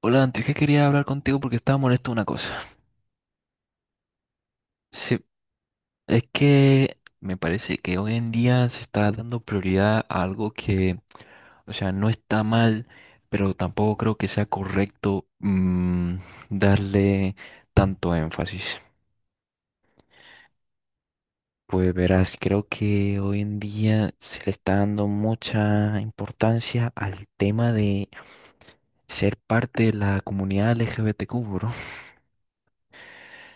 Hola, antes que quería hablar contigo porque estaba molesto de una cosa. Sí, es que me parece que hoy en día se está dando prioridad a algo que, o sea, no está mal, pero tampoco creo que sea correcto, mm, darle tanto énfasis. Pues verás, creo que hoy en día se le está dando mucha importancia al tema de ser parte de la comunidad LGBTQ, bro.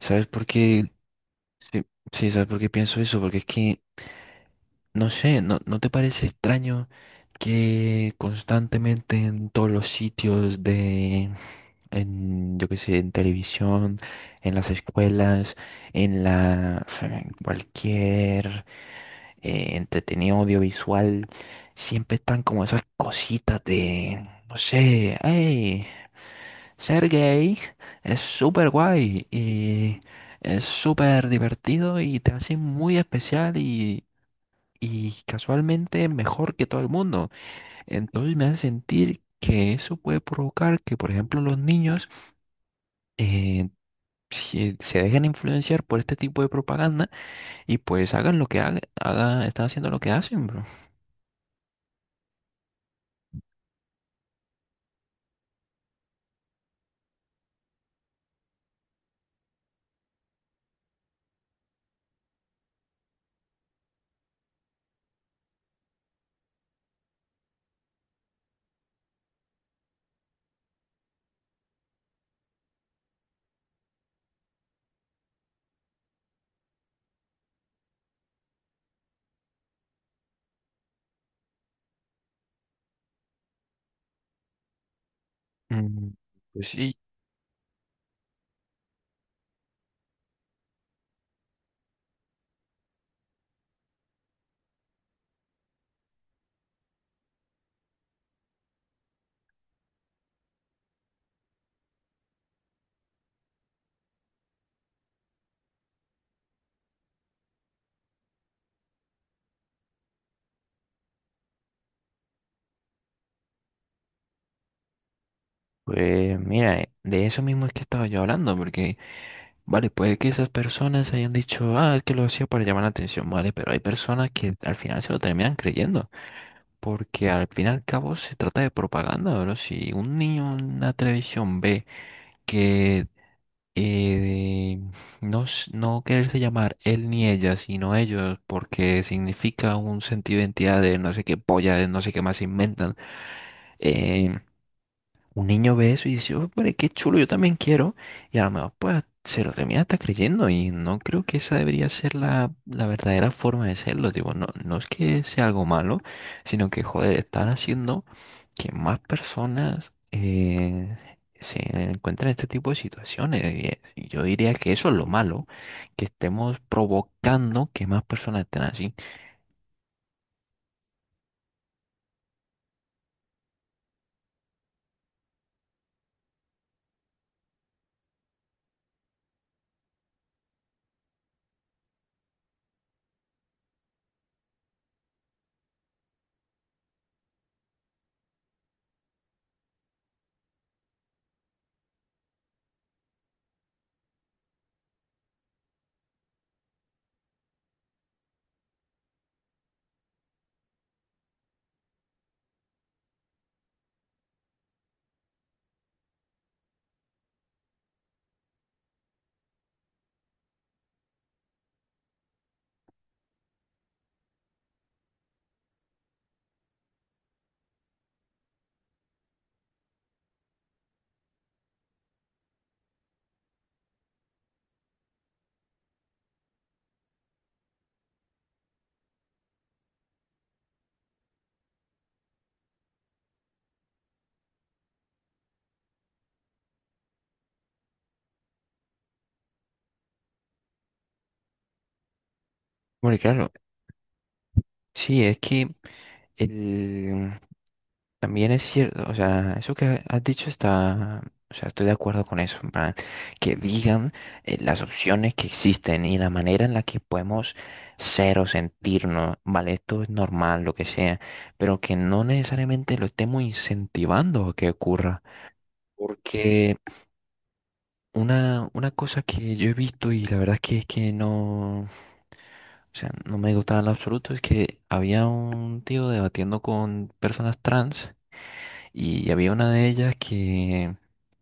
¿Sabes por qué? Sí, sí, ¿sabes por qué pienso eso? Porque es que no sé, ¿no te parece extraño que constantemente en todos los sitios de, en, yo qué sé, en televisión, en las escuelas, en la, en cualquier entretenido audiovisual, siempre están como esas cositas de, no sé, hey, ser gay es súper guay y es súper divertido y te hace muy especial y casualmente mejor que todo el mundo. Entonces me hace sentir que eso puede provocar que, por ejemplo, los niños, eh, se dejen influenciar por este tipo de propaganda y pues hagan lo que hagan, haga, están haciendo lo que hacen, bro. Mm, pues sí. Pues mira, de eso mismo es que estaba yo hablando, porque, vale, puede que esas personas hayan dicho, ah, es que lo hacía para llamar la atención, vale, pero hay personas que al final se lo terminan creyendo. Porque al fin y al cabo se trata de propaganda, bro. Si un niño en una televisión ve que, eh, no, s- no quererse llamar él ni ella, sino ellos, porque significa un sentido de identidad de no sé qué polla, de no sé qué más se inventan. eh, un niño ve eso y dice, "Oh, hombre, qué chulo, yo también quiero". Y a lo mejor pues se lo termina hasta creyendo. Y no creo que esa debería ser la verdadera forma de serlo. Digo, no, no es que sea algo malo, sino que, joder, están haciendo que más personas, se encuentran en este tipo de situaciones. Yo diría que eso es lo malo, que estemos provocando que más personas estén así. Porque claro, sí, es que el, también es cierto, o sea, eso que has dicho está, o sea, estoy de acuerdo con eso, en plan, que digan, las opciones que existen y la manera en la que podemos ser o sentirnos, vale, esto es normal, lo que sea, pero que no necesariamente lo estemos incentivando a que ocurra, porque una cosa que yo he visto y la verdad es que no, o sea, no me gustaba en lo absoluto es que había un tío debatiendo con personas trans. Y había una de ellas que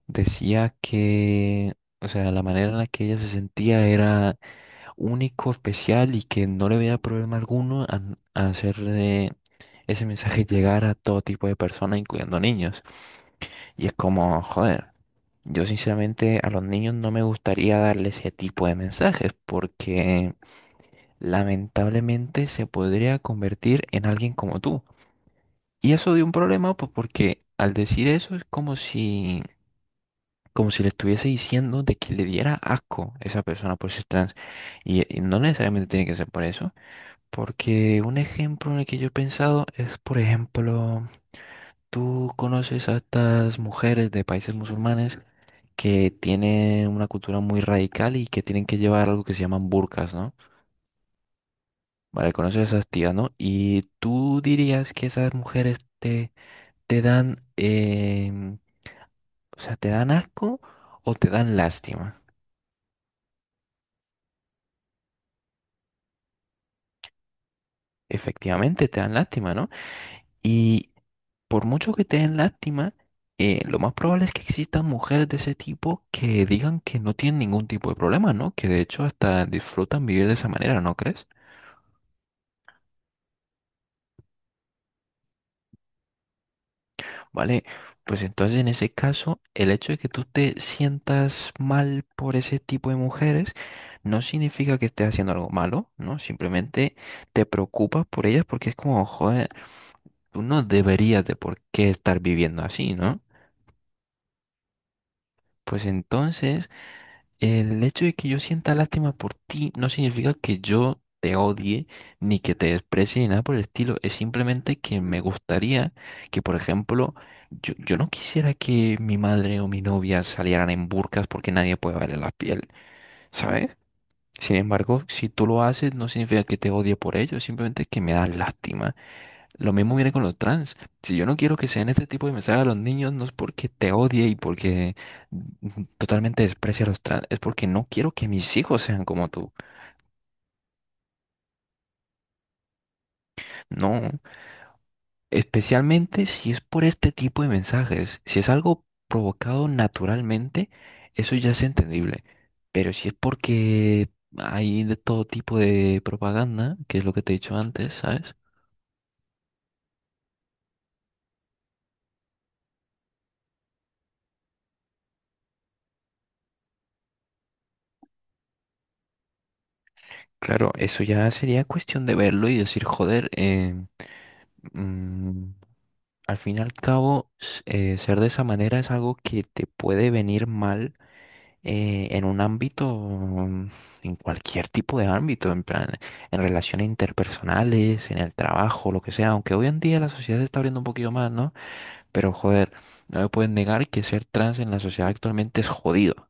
decía que, o sea, la manera en la que ella se sentía era único, especial y que no le veía problema alguno a hacer, ese mensaje llegar a todo tipo de personas, incluyendo niños. Y es como, joder, yo sinceramente a los niños no me gustaría darle ese tipo de mensajes porque lamentablemente se podría convertir en alguien como tú. Y eso dio un problema, pues porque al decir eso es como si, como si le estuviese diciendo de que le diera asco a esa persona por ser trans. Y no necesariamente tiene que ser por eso, porque un ejemplo en el que yo he pensado es, por ejemplo, tú conoces a estas mujeres de países musulmanes que tienen una cultura muy radical y que tienen que llevar algo que se llaman burkas, ¿no? Vale, conoces a esas tías, ¿no? Y tú dirías que esas mujeres te, te dan, o sea, te dan asco o te dan lástima. Efectivamente, te dan lástima, ¿no? Y por mucho que te den lástima, lo más probable es que existan mujeres de ese tipo que digan que no tienen ningún tipo de problema, ¿no? Que de hecho hasta disfrutan vivir de esa manera, ¿no crees? Vale, pues entonces en ese caso, el hecho de que tú te sientas mal por ese tipo de mujeres no significa que estés haciendo algo malo, ¿no? Simplemente te preocupas por ellas porque es como, joder, tú no deberías de por qué estar viviendo así, ¿no? Pues entonces el hecho de que yo sienta lástima por ti no significa que yo te odie ni que te desprecie ni nada por el estilo. Es simplemente que me gustaría que, por ejemplo, yo no quisiera que mi madre o mi novia salieran en burkas porque nadie puede verle la piel, ¿sabes? Sin embargo, si tú lo haces, no significa que te odie por ello, simplemente que me das lástima. Lo mismo viene con los trans. Si yo no quiero que sean este tipo de mensajes a los niños, no es porque te odie y porque, totalmente desprecie a los trans, es porque no quiero que mis hijos sean como tú. No, especialmente si es por este tipo de mensajes. Si es algo provocado naturalmente, eso ya es entendible. Pero si es porque hay de todo tipo de propaganda, que es lo que te he dicho antes, ¿sabes? Claro, eso ya sería cuestión de verlo y decir, joder, mm, al fin y al cabo, s- ser de esa manera es algo que te puede venir mal, en un ámbito, en cualquier tipo de ámbito, en plan, en relaciones interpersonales, en el trabajo, lo que sea, aunque hoy en día la sociedad se está abriendo un poquito más, ¿no? Pero joder, no me pueden negar que ser trans en la sociedad actualmente es jodido.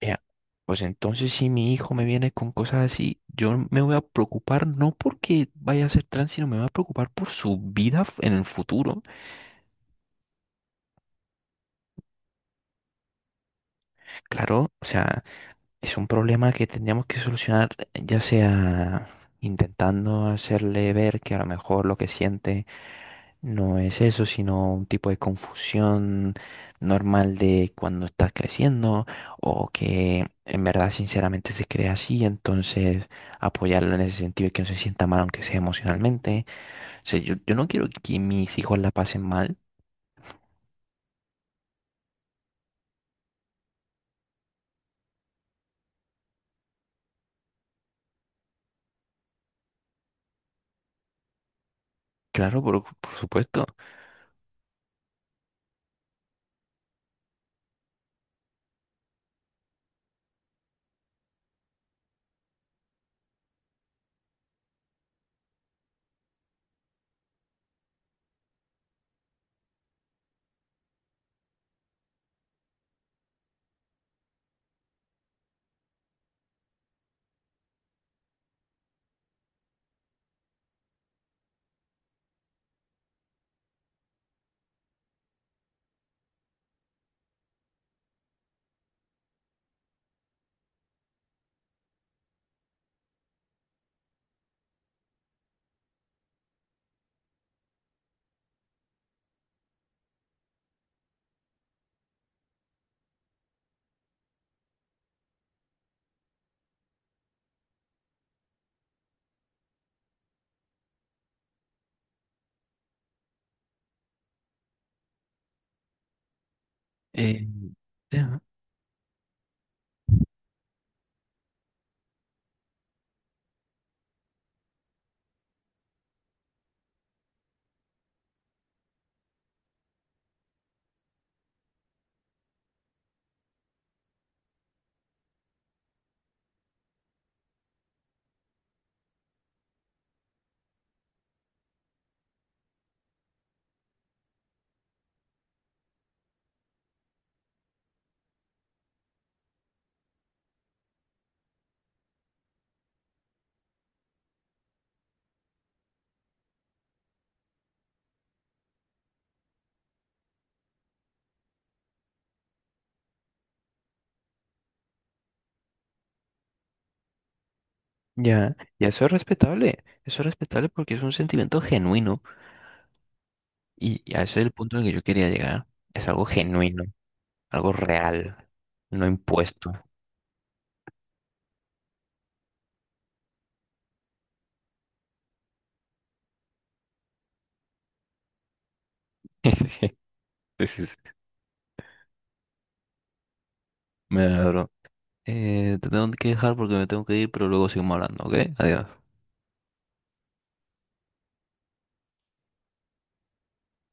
Ya, pues entonces si mi hijo me viene con cosas así, yo me voy a preocupar no porque vaya a ser trans, sino me voy a preocupar por su vida f- en el futuro. Claro, o sea, es un problema que tendríamos que solucionar, ya sea intentando hacerle ver que a lo mejor lo que siente no es eso, sino un tipo de confusión normal de cuando estás creciendo o que en verdad sinceramente se cree así, entonces apoyarlo en ese sentido y que no se sienta mal, aunque sea emocionalmente. O sea, yo no quiero que mis hijos la pasen mal, claro, por supuesto. Eh, Ya, y eso es respetable porque es un sentimiento genuino y a ese es el punto en el que yo quería llegar. Es algo genuino, algo real, no impuesto. Sí, sí, sí. Me adoro. Te tengo que dejar porque me tengo que ir, pero luego seguimos hablando, ¿ok? Adiós.